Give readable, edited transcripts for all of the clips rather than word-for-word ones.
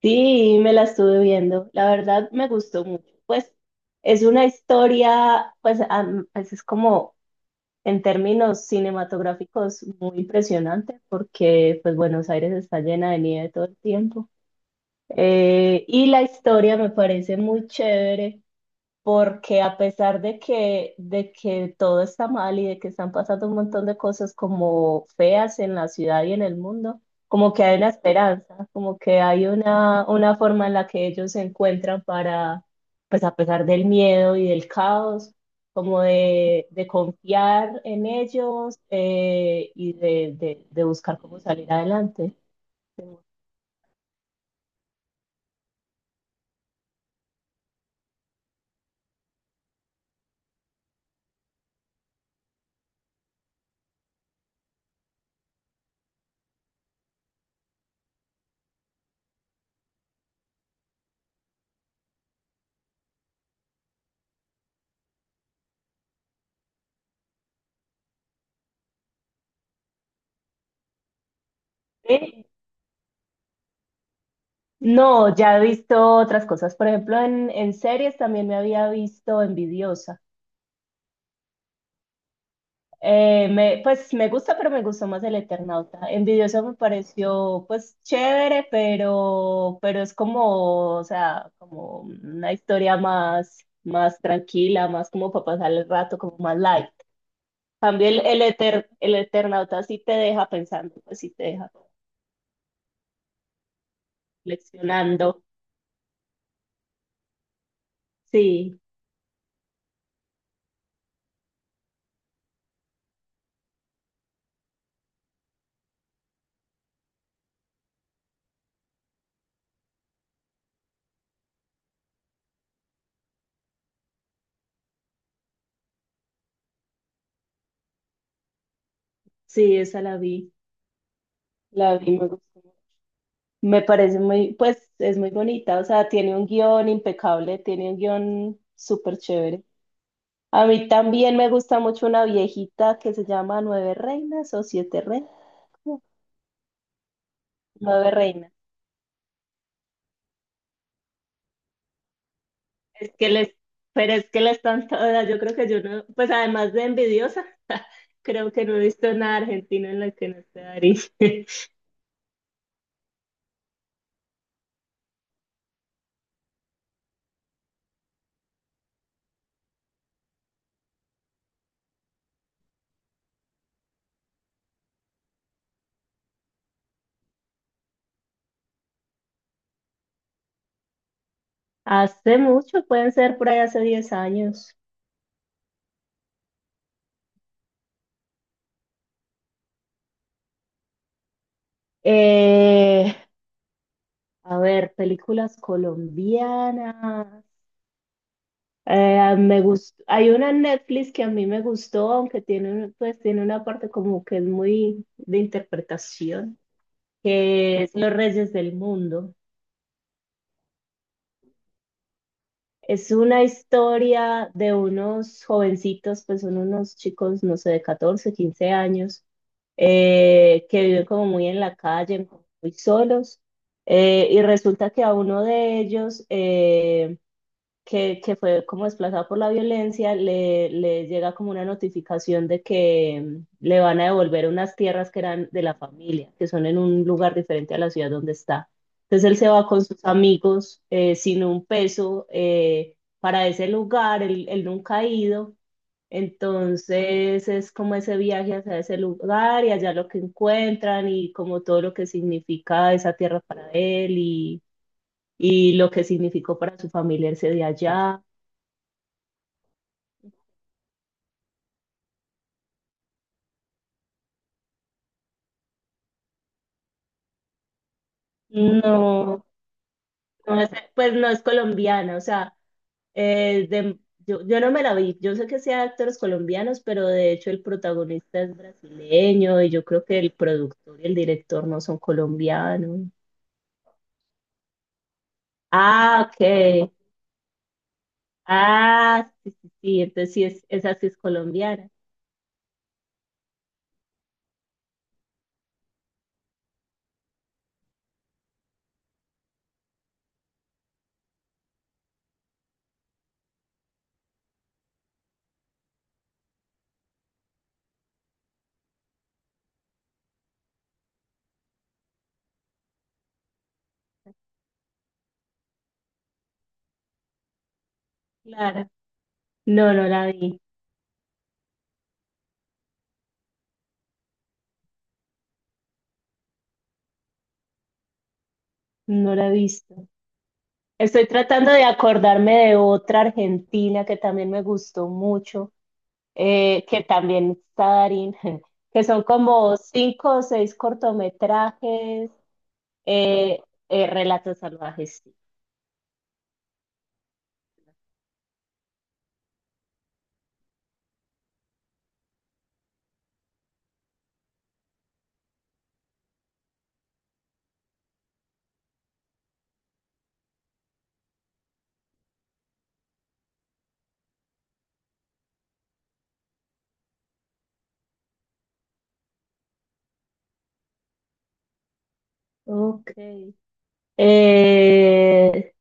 Sí, me la estuve viendo. La verdad me gustó mucho. Pues es una historia, pues, es como en términos cinematográficos muy impresionante porque pues Buenos Aires está llena de nieve todo el tiempo. Y la historia me parece muy chévere porque a pesar de que todo está mal y de que están pasando un montón de cosas como feas en la ciudad y en el mundo, como que hay una esperanza, como que hay una forma en la que ellos se encuentran para, pues a pesar del miedo y del caos, como de confiar en ellos, y de buscar cómo salir adelante. Sí. No, ya he visto otras cosas. Por ejemplo, en series también me había visto Envidiosa. Pues me gusta, pero me gustó más el Eternauta. Envidiosa me pareció pues chévere, pero es como, o sea, como una historia más, tranquila, más como para pasar el rato, como más light. En cambio el Eternauta sí te deja pensando, pues sí te deja reflexionando. Sí, sí, esa la vi, me gustó. Me parece muy, pues es muy bonita, o sea, tiene un guión impecable, tiene un guión súper chévere. A mí también me gusta mucho una viejita que se llama Nueve Reinas o Siete Reinas, no, Nueve Reinas. Es que les, pero es que las están todas, yo creo que yo no, pues además de envidiosa, creo que no he visto nada argentino en la que no esté Darín. Hace mucho, pueden ser por ahí hace 10 años. Eh, a ver, películas colombianas. Hay una en Netflix que a mí me gustó, aunque tiene, tiene una parte como que es muy de interpretación, que es Los Reyes del Mundo. Es una historia de unos jovencitos, pues son unos chicos, no sé, de 14 15 años, que viven como muy en la calle, muy solos. Y resulta que a uno de ellos, que fue como desplazado por la violencia, le llega como una notificación de que le van a devolver unas tierras que eran de la familia, que son en un lugar diferente a la ciudad donde está. Entonces él se va con sus amigos, sin un peso, para ese lugar, él nunca ha ido. Entonces es como ese viaje hacia ese lugar y allá lo que encuentran y como todo lo que significa esa tierra para él, y lo que significó para su familia irse de allá. No, pues no es colombiana, o sea, eh, de- yo no me la vi, yo sé que sea de actores colombianos, pero de hecho el protagonista es brasileño y yo creo que el productor y el director no son colombianos. Ah, ok. Ah, sí, sí, sí, entonces sí es, esa sí es colombiana. Claro. No, no la vi, no la he visto. Estoy tratando de acordarme de otra argentina que también me gustó mucho, que también está Darín, que son como cinco o seis cortometrajes, eh, relatos salvajes. Sí. Ok. Eh,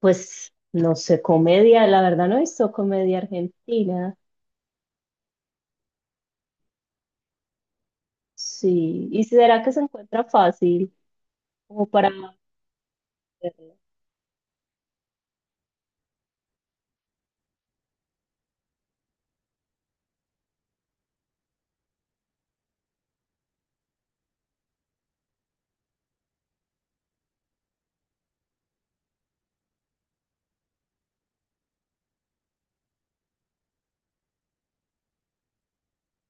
pues no sé, comedia, la verdad no he visto comedia argentina. Sí, ¿y será que se encuentra fácil como para verla?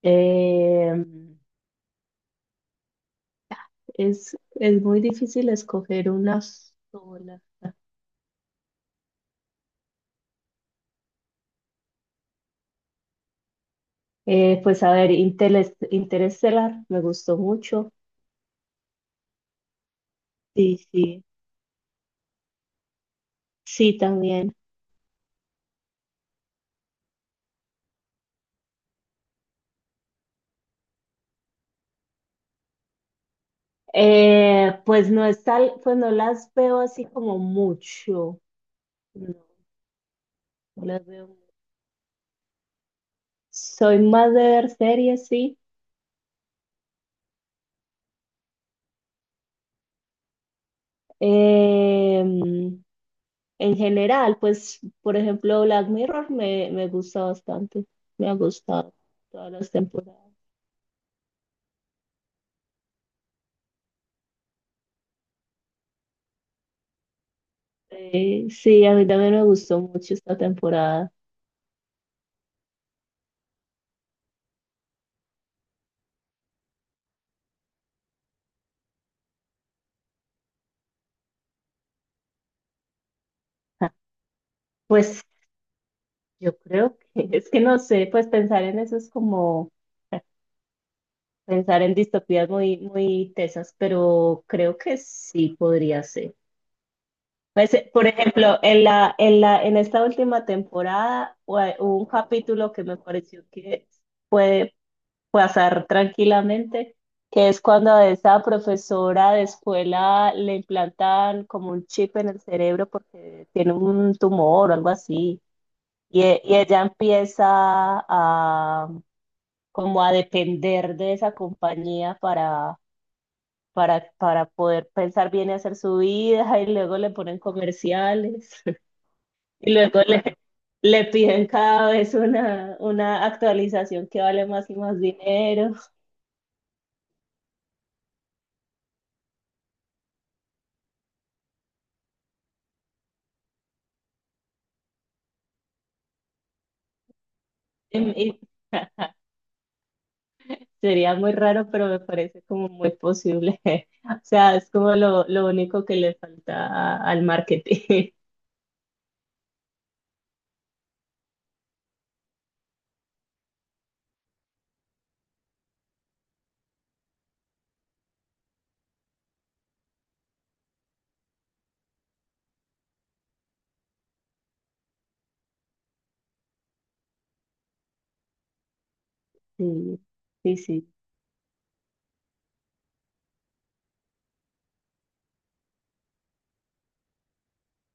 Eh, es muy difícil escoger una sola. Pues a ver, Interestelar me gustó mucho. Sí, sí, sí, también. Pues no es tal, pues no las veo así como mucho. No, no las veo mucho. Soy más de ver series, sí. Em, en general, pues, por ejemplo, Black Mirror me gusta bastante. Me ha gustado todas las temporadas. Sí, a mí también me gustó mucho esta temporada. Pues yo creo que es que no sé, pues pensar en eso es como. Pensar en distopías muy, muy tesas, pero creo que sí podría ser. Pues, por ejemplo, en esta última temporada hubo un capítulo que me pareció que puede pasar tranquilamente, que es cuando a esa profesora de escuela le implantan como un chip en el cerebro porque tiene un tumor o algo así, y ella empieza a como a depender de esa compañía para para poder pensar bien y hacer su vida, y luego le ponen comerciales, y luego le, le piden cada vez una actualización que vale más y más dinero. Y- y- Sería muy raro, pero me parece como muy posible. O sea, es como lo único que le falta al marketing. Sí, sí, sí.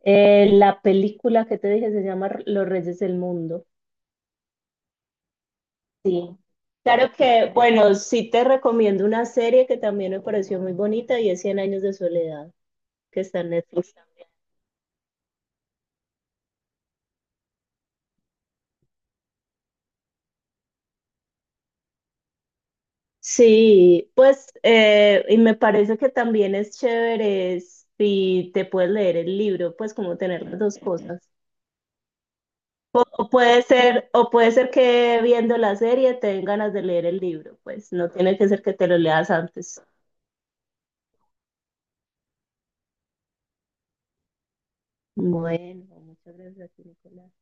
La película que te dije se llama Los Reyes del Mundo. Sí, claro que, bueno, sí te recomiendo una serie que también me pareció muy bonita y es Cien Años de Soledad, que está en Netflix también. Sí, pues, y me parece que también es chévere si te puedes leer el libro, pues como tener las dos cosas. O puede ser que viendo la serie te den ganas de leer el libro, pues no tiene que ser que te lo leas antes. Bueno, muchas gracias a ti, Nicolás.